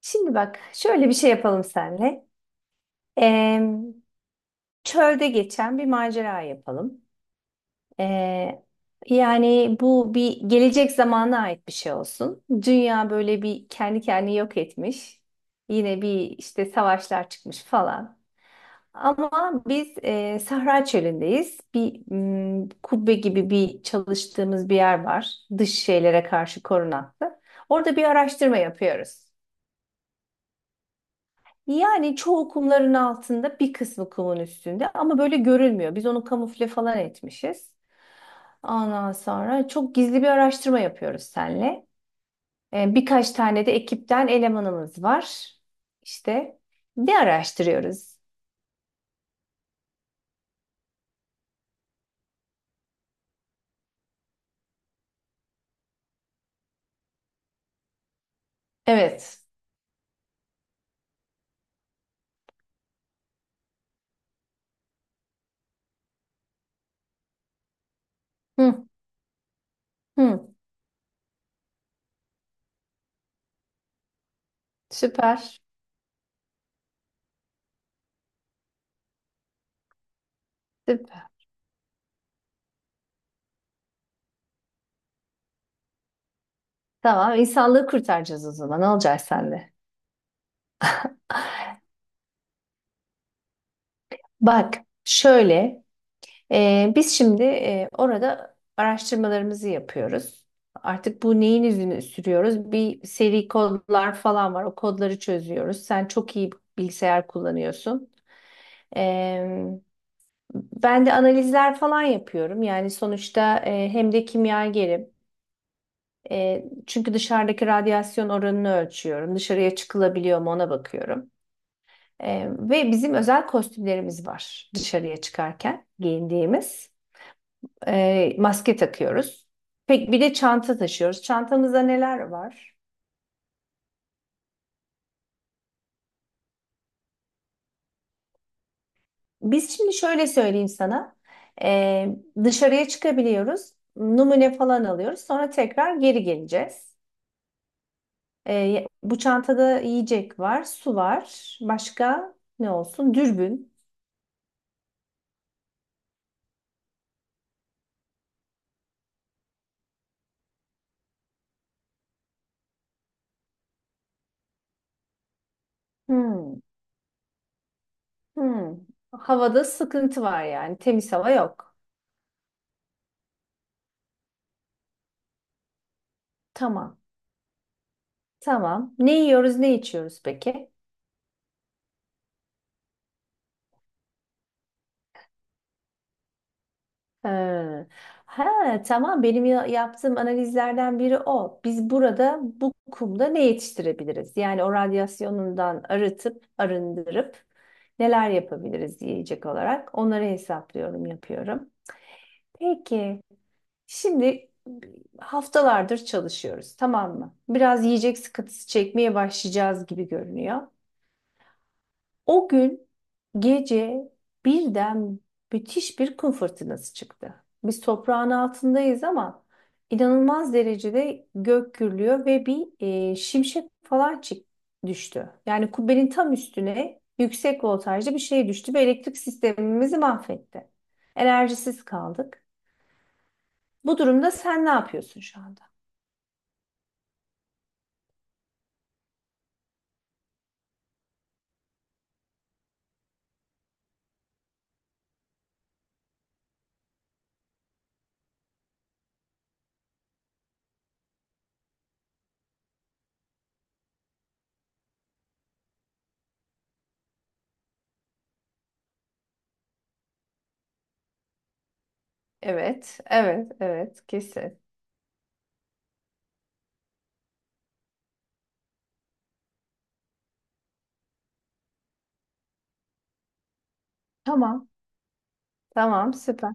Şimdi bak şöyle bir şey yapalım senle. Eee, Çölde geçen bir macera yapalım. Eee, Yani bu bir gelecek zamana ait bir şey olsun. Dünya böyle bir kendi kendini yok etmiş. Yine bir işte savaşlar çıkmış falan. Ama biz Sahra Çölü'ndeyiz. Bir kubbe gibi bir çalıştığımız bir yer var. Dış şeylere karşı korunaklı. Orada bir araştırma yapıyoruz. Yani çoğu kumların altında bir kısmı kumun üstünde ama böyle görülmüyor. Biz onu kamufle falan etmişiz. Ondan sonra çok gizli bir araştırma yapıyoruz seninle. Birkaç tane de ekipten elemanımız var. İşte ne araştırıyoruz? Evet. Hı, hı. Süper. Süper. Tamam, insanlığı kurtaracağız o zaman. Ne olacak sende? Bak şöyle. Biz şimdi orada araştırmalarımızı yapıyoruz. Artık bu neyin izini sürüyoruz? Bir seri kodlar falan var. O kodları çözüyoruz. Sen çok iyi bilgisayar kullanıyorsun. Ee, Ben de analizler falan yapıyorum. Yani sonuçta hem de kimyagerim. Çünkü dışarıdaki radyasyon oranını ölçüyorum. Dışarıya çıkılabiliyor mu ona bakıyorum. Ve bizim özel kostümlerimiz var dışarıya çıkarken giyindiğimiz. Maske takıyoruz. Pek bir de çanta taşıyoruz. Çantamızda neler var? Biz şimdi şöyle söyleyeyim sana. E, Dışarıya çıkabiliyoruz. Numune falan alıyoruz. Sonra tekrar geri geleceğiz. Bu çantada yiyecek var, su var. Başka ne olsun? Dürbün. Hmm, hmm. Havada sıkıntı var yani. Temiz hava yok. Tamam. Tamam. Ne yiyoruz, ne içiyoruz peki? Ha, ha, tamam benim yaptığım analizlerden biri o. Biz burada bu kumda ne yetiştirebiliriz? Yani o radyasyonundan arıtıp arındırıp neler yapabiliriz yiyecek olarak onları hesaplıyorum, yapıyorum. Peki şimdi haftalardır çalışıyoruz, tamam mı? Biraz yiyecek sıkıntısı çekmeye başlayacağız gibi görünüyor. O gün gece birden müthiş bir kum fırtınası çıktı. Biz toprağın altındayız ama inanılmaz derecede gök gürlüyor ve bir şimşek falan düştü. Yani kubbenin tam üstüne yüksek voltajlı bir şey düştü ve elektrik sistemimizi mahvetti. Enerjisiz kaldık. Bu durumda sen ne yapıyorsun şu anda? Evet, evet, evet, kesin. Tamam, tamam, süper.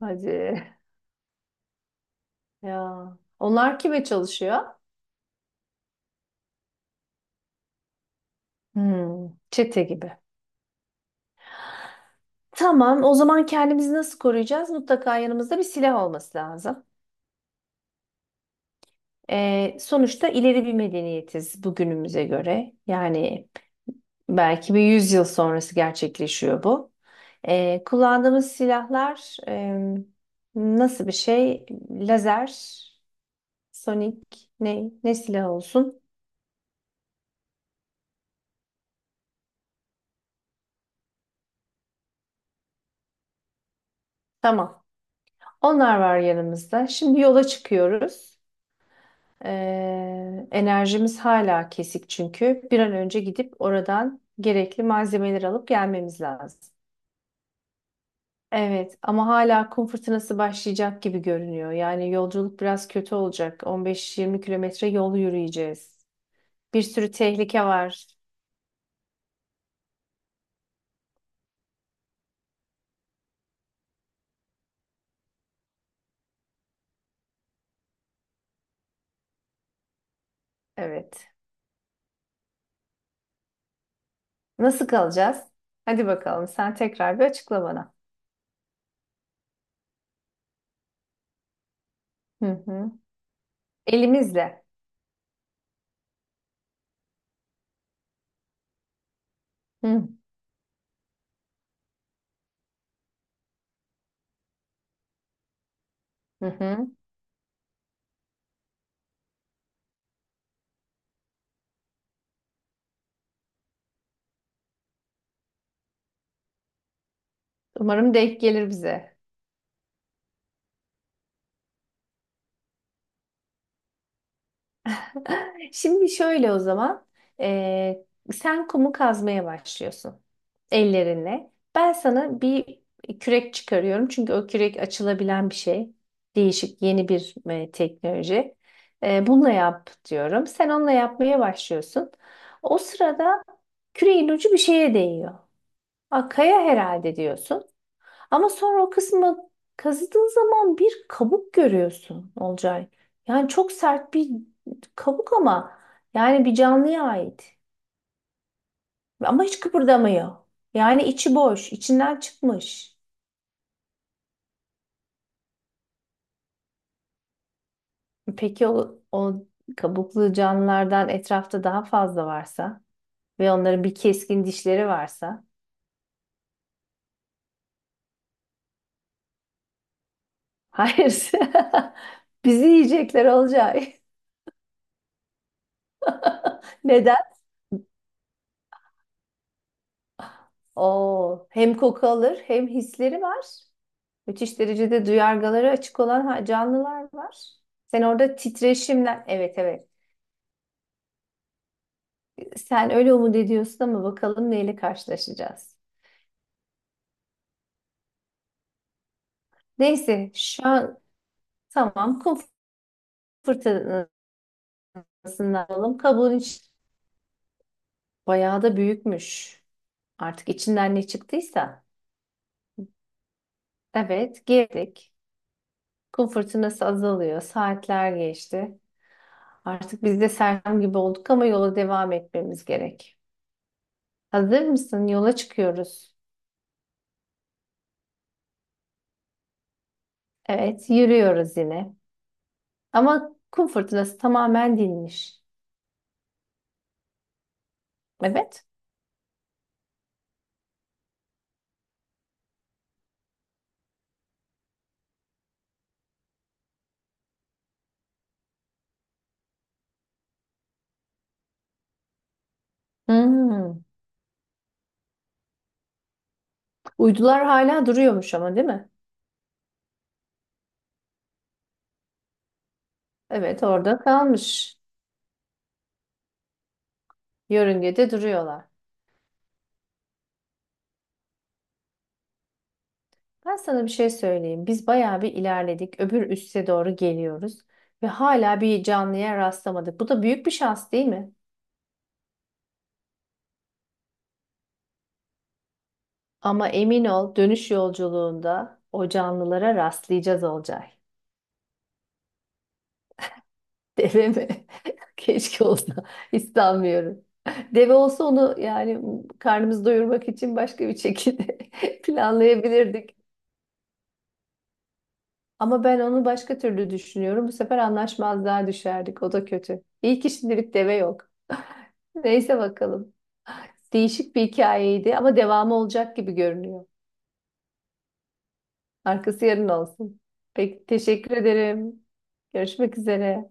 Hadi. Ya, onlar kime çalışıyor? Hmm, çete gibi. Tamam, o zaman kendimizi nasıl koruyacağız? Mutlaka yanımızda bir silah olması lazım. Sonuçta ileri bir medeniyetiz bugünümüze göre. Yani belki bir 100 yıl sonrası gerçekleşiyor bu. Kullandığımız silahlar nasıl bir şey? Lazer, sonik, ne, ne silah olsun? Tamam. Onlar var yanımızda. Şimdi yola çıkıyoruz. Enerjimiz hala kesik çünkü. Bir an önce gidip oradan gerekli malzemeleri alıp gelmemiz lazım. Evet ama hala kum fırtınası başlayacak gibi görünüyor. Yani yolculuk biraz kötü olacak. 15-20 kilometre yol yürüyeceğiz. Bir sürü tehlike var. Evet. Nasıl kalacağız? Hadi bakalım sen tekrar bir açıkla bana. Hı hı. Elimizle. Hı hı. Hı. Umarım denk gelir bize. Şimdi şöyle o zaman. Ee, Sen kumu kazmaya başlıyorsun ellerinle. Ben sana bir kürek çıkarıyorum. Çünkü o kürek açılabilen bir şey. Değişik yeni bir teknoloji. Bununla yap diyorum. Sen onunla yapmaya başlıyorsun. O sırada küreğin ucu bir şeye değiyor. Aa, kaya herhalde diyorsun. Ama sonra o kısmı kazıdığın zaman bir kabuk görüyorsun Olcay. Yani çok sert bir kabuk ama yani bir canlıya ait. Ama hiç kıpırdamıyor. Yani içi boş, içinden çıkmış. Peki o kabuklu canlılardan etrafta daha fazla varsa ve onların bir keskin dişleri varsa? Hayır. Bizi yiyecekler Olcay. Neden? Oo, hem koku alır hem hisleri var. Müthiş derecede duyargaları açık olan canlılar var. Sen orada titreşimden, evet evet, sen öyle umut ediyorsun ama bakalım neyle karşılaşacağız. Neyse şu an tamam, kum fırtınasından alalım. Kabuğun iç bayağı da büyükmüş. Artık içinden ne çıktıysa. Evet, girdik. Kum fırtınası azalıyor. Saatler geçti. Artık biz de sersem gibi olduk ama yola devam etmemiz gerek. Hazır mısın? Yola çıkıyoruz. Evet, yürüyoruz yine. Ama kum fırtınası tamamen dinmiş. Evet. Hmm. Uydular hala duruyormuş ama, değil mi? Evet, orada kalmış. Yörüngede duruyorlar. Ben sana bir şey söyleyeyim. Biz bayağı bir ilerledik. Öbür üste doğru geliyoruz. Ve hala bir canlıya rastlamadık. Bu da büyük bir şans, değil mi? Ama emin ol, dönüş yolculuğunda o canlılara rastlayacağız Olcay. Deve mi? Keşke olsa. İstemiyorum. Deve olsa onu yani karnımızı doyurmak için başka bir şekilde planlayabilirdik. Ama ben onu başka türlü düşünüyorum. Bu sefer anlaşmazlığa düşerdik. O da kötü. İyi ki şimdilik deve yok. Neyse bakalım. Değişik bir hikayeydi ama devamı olacak gibi görünüyor. Arkası yarın olsun. Peki, teşekkür ederim. Görüşmek üzere.